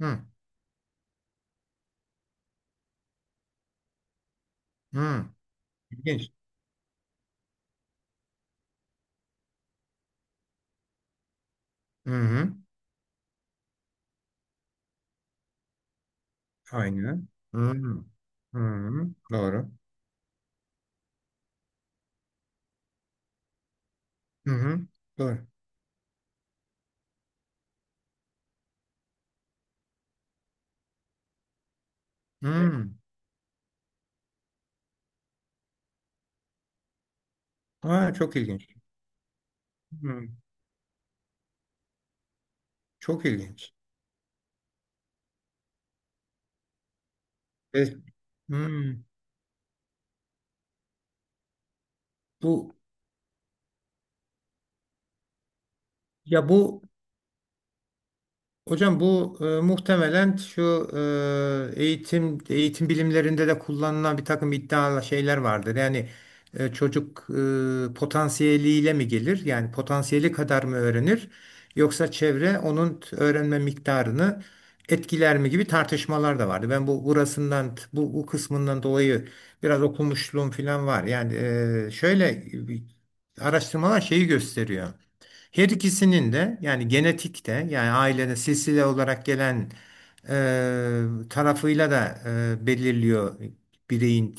Hı, hı. İlginç. Hı hı. Aynen. Hı hı. Hı hı. Doğru. Hı hı. Doğru. Hı. Aa, çok ilginç. Hı. Çok ilginç. Evet. Hı. Bu ya bu Hocam muhtemelen şu eğitim bilimlerinde de kullanılan bir takım iddialı şeyler vardır. Yani çocuk potansiyeliyle mi gelir? Yani potansiyeli kadar mı öğrenir? Yoksa çevre onun öğrenme miktarını etkiler mi gibi tartışmalar da vardı. Ben bu burasından bu kısmından dolayı biraz okumuşluğum falan var. Yani şöyle e, bir- araştırmalar şeyi gösteriyor. Her ikisinin de yani genetikte yani ailede silsile olarak gelen tarafıyla da belirliyor bireyin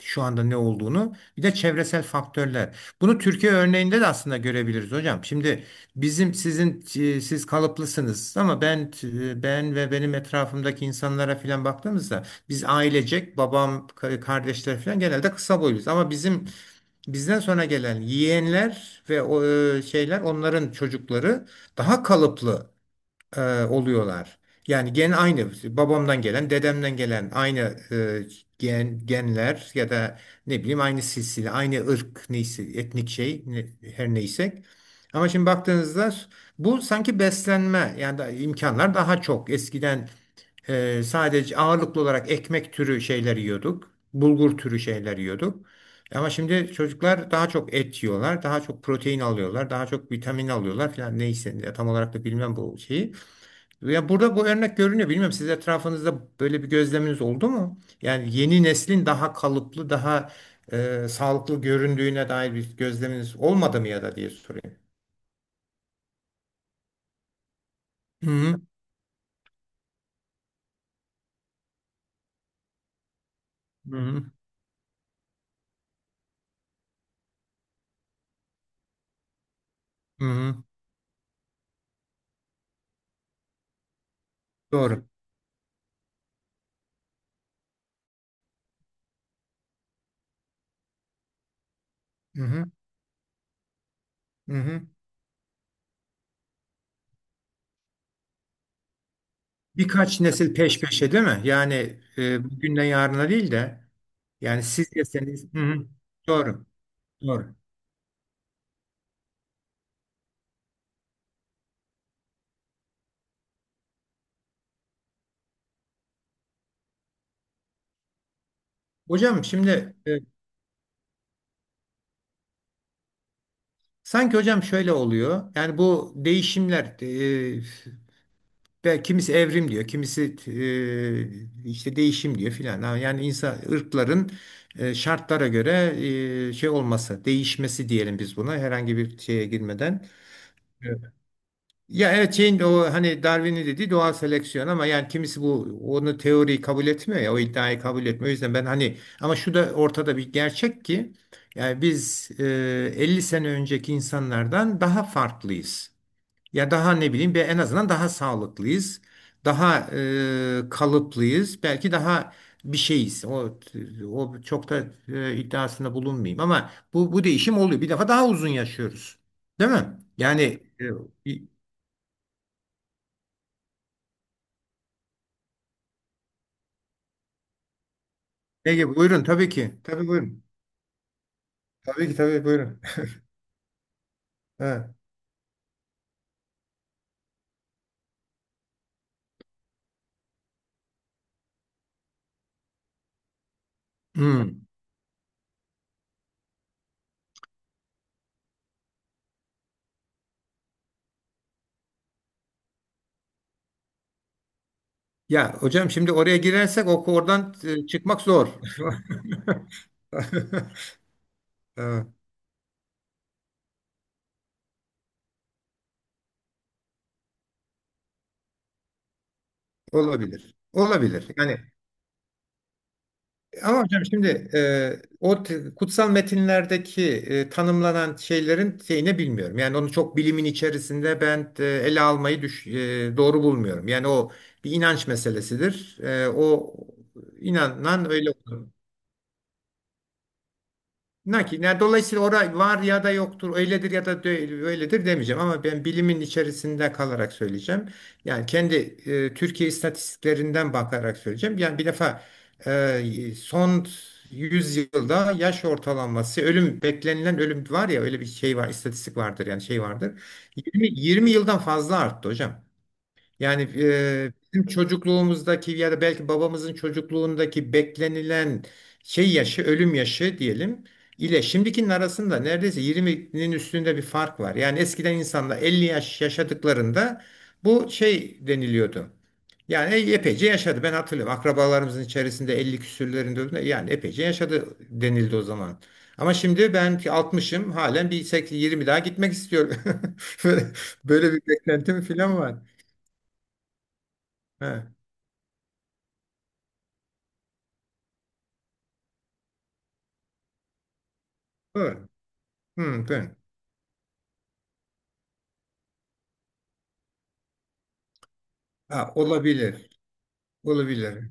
şu anda ne olduğunu. Bir de çevresel faktörler. Bunu Türkiye örneğinde de aslında görebiliriz hocam. Şimdi bizim sizin siz kalıplısınız ama ben ben ve benim etrafımdaki insanlara filan baktığımızda biz ailecek babam kardeşler filan genelde kısa boyluyuz ama bizden sonra gelen yeğenler ve o şeyler onların çocukları daha kalıplı oluyorlar. Yani gen aynı babamdan gelen, dedemden gelen aynı e, genler ya da ne bileyim aynı silsile, aynı ırk neyse etnik şey her neyse. Ama şimdi baktığınızda bu sanki beslenme yani da imkanlar daha çok. Eskiden sadece ağırlıklı olarak ekmek türü şeyler yiyorduk. Bulgur türü şeyler yiyorduk. Ama şimdi çocuklar daha çok et yiyorlar, daha çok protein alıyorlar, daha çok vitamin alıyorlar falan neyse ya tam olarak da bilmem bu şeyi. Ya burada bu örnek görünüyor. Bilmiyorum siz etrafınızda böyle bir gözleminiz oldu mu? Yani yeni neslin daha kalıplı, daha sağlıklı göründüğüne dair bir gözleminiz olmadı mı ya da diye sorayım. Hı hı. Hı hı. Hı hı. Doğru. Hı hı. Hı hı. Birkaç nesil peş peşe değil mi? Yani bugünden yarına değil de yani siz deseniz hı hı, doğru doğru. Hocam şimdi sanki hocam şöyle oluyor. Yani bu değişimler e, belki kimisi evrim diyor, kimisi işte değişim diyor filan. Ha, yani insan ırkların şartlara göre şey olması, değişmesi diyelim biz buna herhangi bir şeye girmeden. Ya evet şeyin o hani Darwin'in dediği doğal seleksiyon ama yani kimisi bu onu teoriyi kabul etmiyor ya o iddiayı kabul etmiyor. O yüzden ben hani ama şu da ortada bir gerçek ki yani biz 50 sene önceki insanlardan daha farklıyız. Ya daha ne bileyim bir en azından daha sağlıklıyız. Daha kalıplıyız. Belki daha bir şeyiz. O çok da iddiasında bulunmayayım ama bu değişim oluyor. Bir defa daha uzun yaşıyoruz. Değil mi? Yani e, Ege buyurun tabii ki. Tabii buyurun. Tabii ki tabii buyurun. Evet. Hmm. Ya hocam şimdi oraya girersek oradan çıkmak zor. Evet, olabilir. Olabilir. Yani ama hocam şimdi o kutsal metinlerdeki tanımlanan şeylerin şeyini bilmiyorum. Yani onu çok bilimin içerisinde ben ele almayı doğru bulmuyorum. Yani o bir inanç meselesidir. E, o inanan öyle olur. Nakil. Yani dolayısıyla orada var ya da yoktur, öyledir ya da öyledir demeyeceğim ama ben bilimin içerisinde kalarak söyleyeceğim. Yani kendi Türkiye istatistiklerinden bakarak söyleyeceğim. Yani bir defa e, son 100 yılda yaş ortalaması, ölüm beklenilen ölüm var ya öyle bir şey var, istatistik vardır yani şey vardır. 20 yıldan fazla arttı hocam. Yani bizim çocukluğumuzdaki ya da belki babamızın çocukluğundaki beklenilen şey yaşı, ölüm yaşı diyelim ile şimdikinin arasında neredeyse 20'nin üstünde bir fark var. Yani eskiden insanlar 50 yaş yaşadıklarında bu şey deniliyordu. Yani epeyce yaşadı. Ben hatırlıyorum. Akrabalarımızın içerisinde 50 küsürlerinde öldü. Yani epeyce yaşadı denildi o zaman. Ama şimdi ben ki 60'ım halen bir 80 20 daha gitmek istiyorum. Böyle, böyle bir beklentim falan var. He. Evet. Hmm, ben. Ha, olabilir. Olabilir.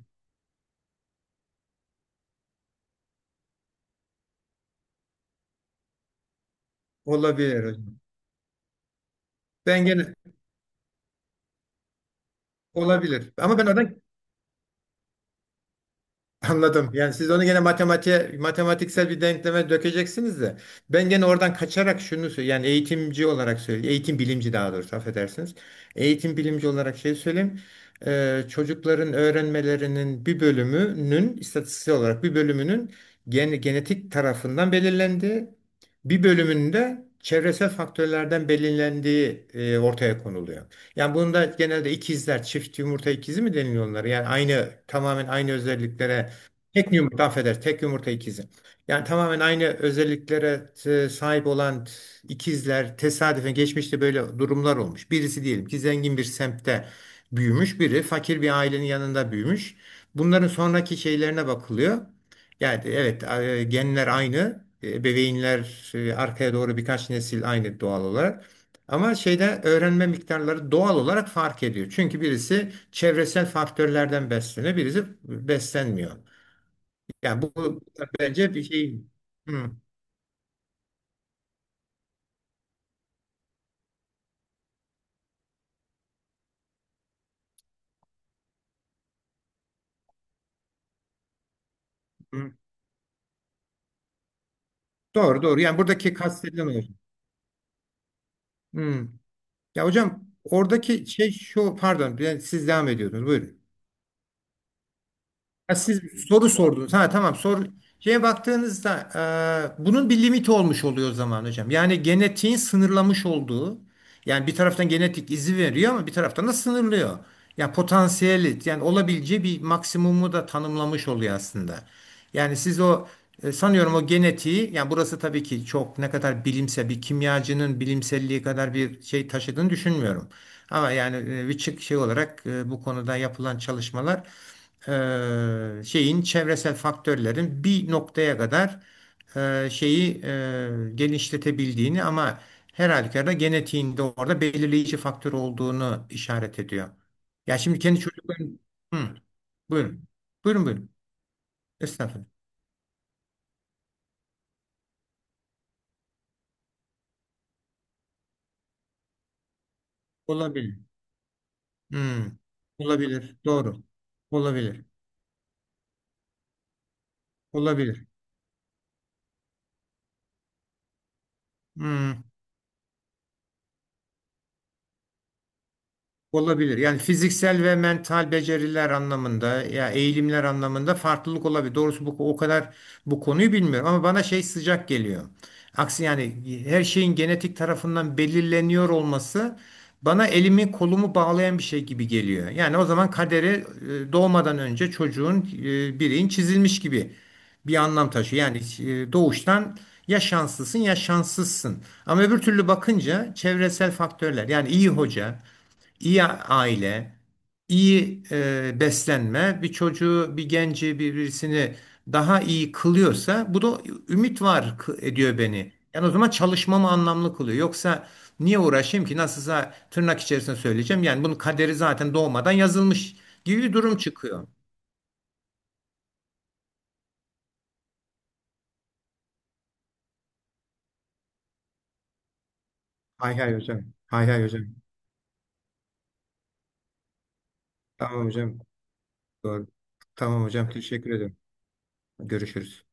Olabilir hocam. Ben gene olabilir. Ama ben adam anladım. Yani siz onu gene matematiğe, matematiksel bir denkleme dökeceksiniz de. Ben gene oradan kaçarak şunu söyleyeyim. Yani eğitimci olarak söyleyeyim. Eğitim bilimci daha doğrusu affedersiniz. Eğitim bilimci olarak şey söyleyeyim. Çocukların öğrenmelerinin bir bölümünün istatistiksel olarak bir bölümünün genetik tarafından belirlendiği, bir bölümünde çevresel faktörlerden belirlendiği ortaya konuluyor. Yani bunda genelde ikizler, çift yumurta ikizi mi deniliyor onlara? Yani aynı tamamen aynı özelliklere tek yumurta affeder. Tek yumurta ikizi. Yani tamamen aynı özelliklere sahip olan ikizler tesadüfen geçmişte böyle durumlar olmuş. Birisi diyelim ki zengin bir semtte büyümüş, biri fakir bir ailenin yanında büyümüş. Bunların sonraki şeylerine bakılıyor. Yani evet genler aynı, ebeveynler arkaya doğru birkaç nesil aynı doğal olarak. Ama şeyde öğrenme miktarları doğal olarak fark ediyor. Çünkü birisi çevresel faktörlerden besleniyor, birisi beslenmiyor. Yani bu bence bir şey. Hı, hı. Doğru doğru. Yani buradaki kastedilen o. Hı. Ya hocam oradaki şey şu pardon ben siz devam ediyordunuz. Buyurun. Ha, siz soru sordunuz. Ha tamam soru. Şeye baktığınızda bunun bir limiti olmuş oluyor o zaman hocam. Yani genetiğin sınırlamış olduğu yani bir taraftan genetik izi veriyor ama bir taraftan da sınırlıyor. Ya potansiyeli yani olabileceği bir maksimumu da tanımlamış oluyor aslında. Yani siz sanıyorum o genetiği yani burası tabii ki çok ne kadar bilimsel bir kimyacının bilimselliği kadar bir şey taşıdığını düşünmüyorum. Ama yani bir çık şey olarak bu konuda yapılan çalışmalar şeyin çevresel faktörlerin bir noktaya kadar şeyi genişletebildiğini ama her halükarda genetiğinde orada belirleyici faktör olduğunu işaret ediyor. Ya şimdi kendi çocuklarım. Hı, buyurun. Buyurun buyurun. Estağfurullah. Olabilir. Hı, olabilir. Doğru. Olabilir. Olabilir. Hı. Olabilir. Yani fiziksel ve mental beceriler anlamında ya eğilimler anlamında farklılık olabilir. Doğrusu bu o kadar bu konuyu bilmiyorum ama bana şey sıcak geliyor. Aksi yani her şeyin genetik tarafından belirleniyor olması bana elimi kolumu bağlayan bir şey gibi geliyor. Yani o zaman kaderi doğmadan önce çocuğun bireyin çizilmiş gibi bir anlam taşıyor. Yani doğuştan ya şanslısın ya şanssızsın. Ama öbür türlü bakınca çevresel faktörler yani iyi hoca iyi aile, iyi beslenme bir çocuğu, bir genci, birisini daha iyi kılıyorsa bu da ümit var ediyor beni. Yani o zaman çalışmamı anlamlı kılıyor. Yoksa niye uğraşayım ki? Nasılsa tırnak içerisinde söyleyeceğim. Yani bunun kaderi zaten doğmadan yazılmış gibi bir durum çıkıyor. Hay hay hocam. Hay hay hocam. Tamam hocam. Doğru. Tamam hocam. Teşekkür ederim. Görüşürüz.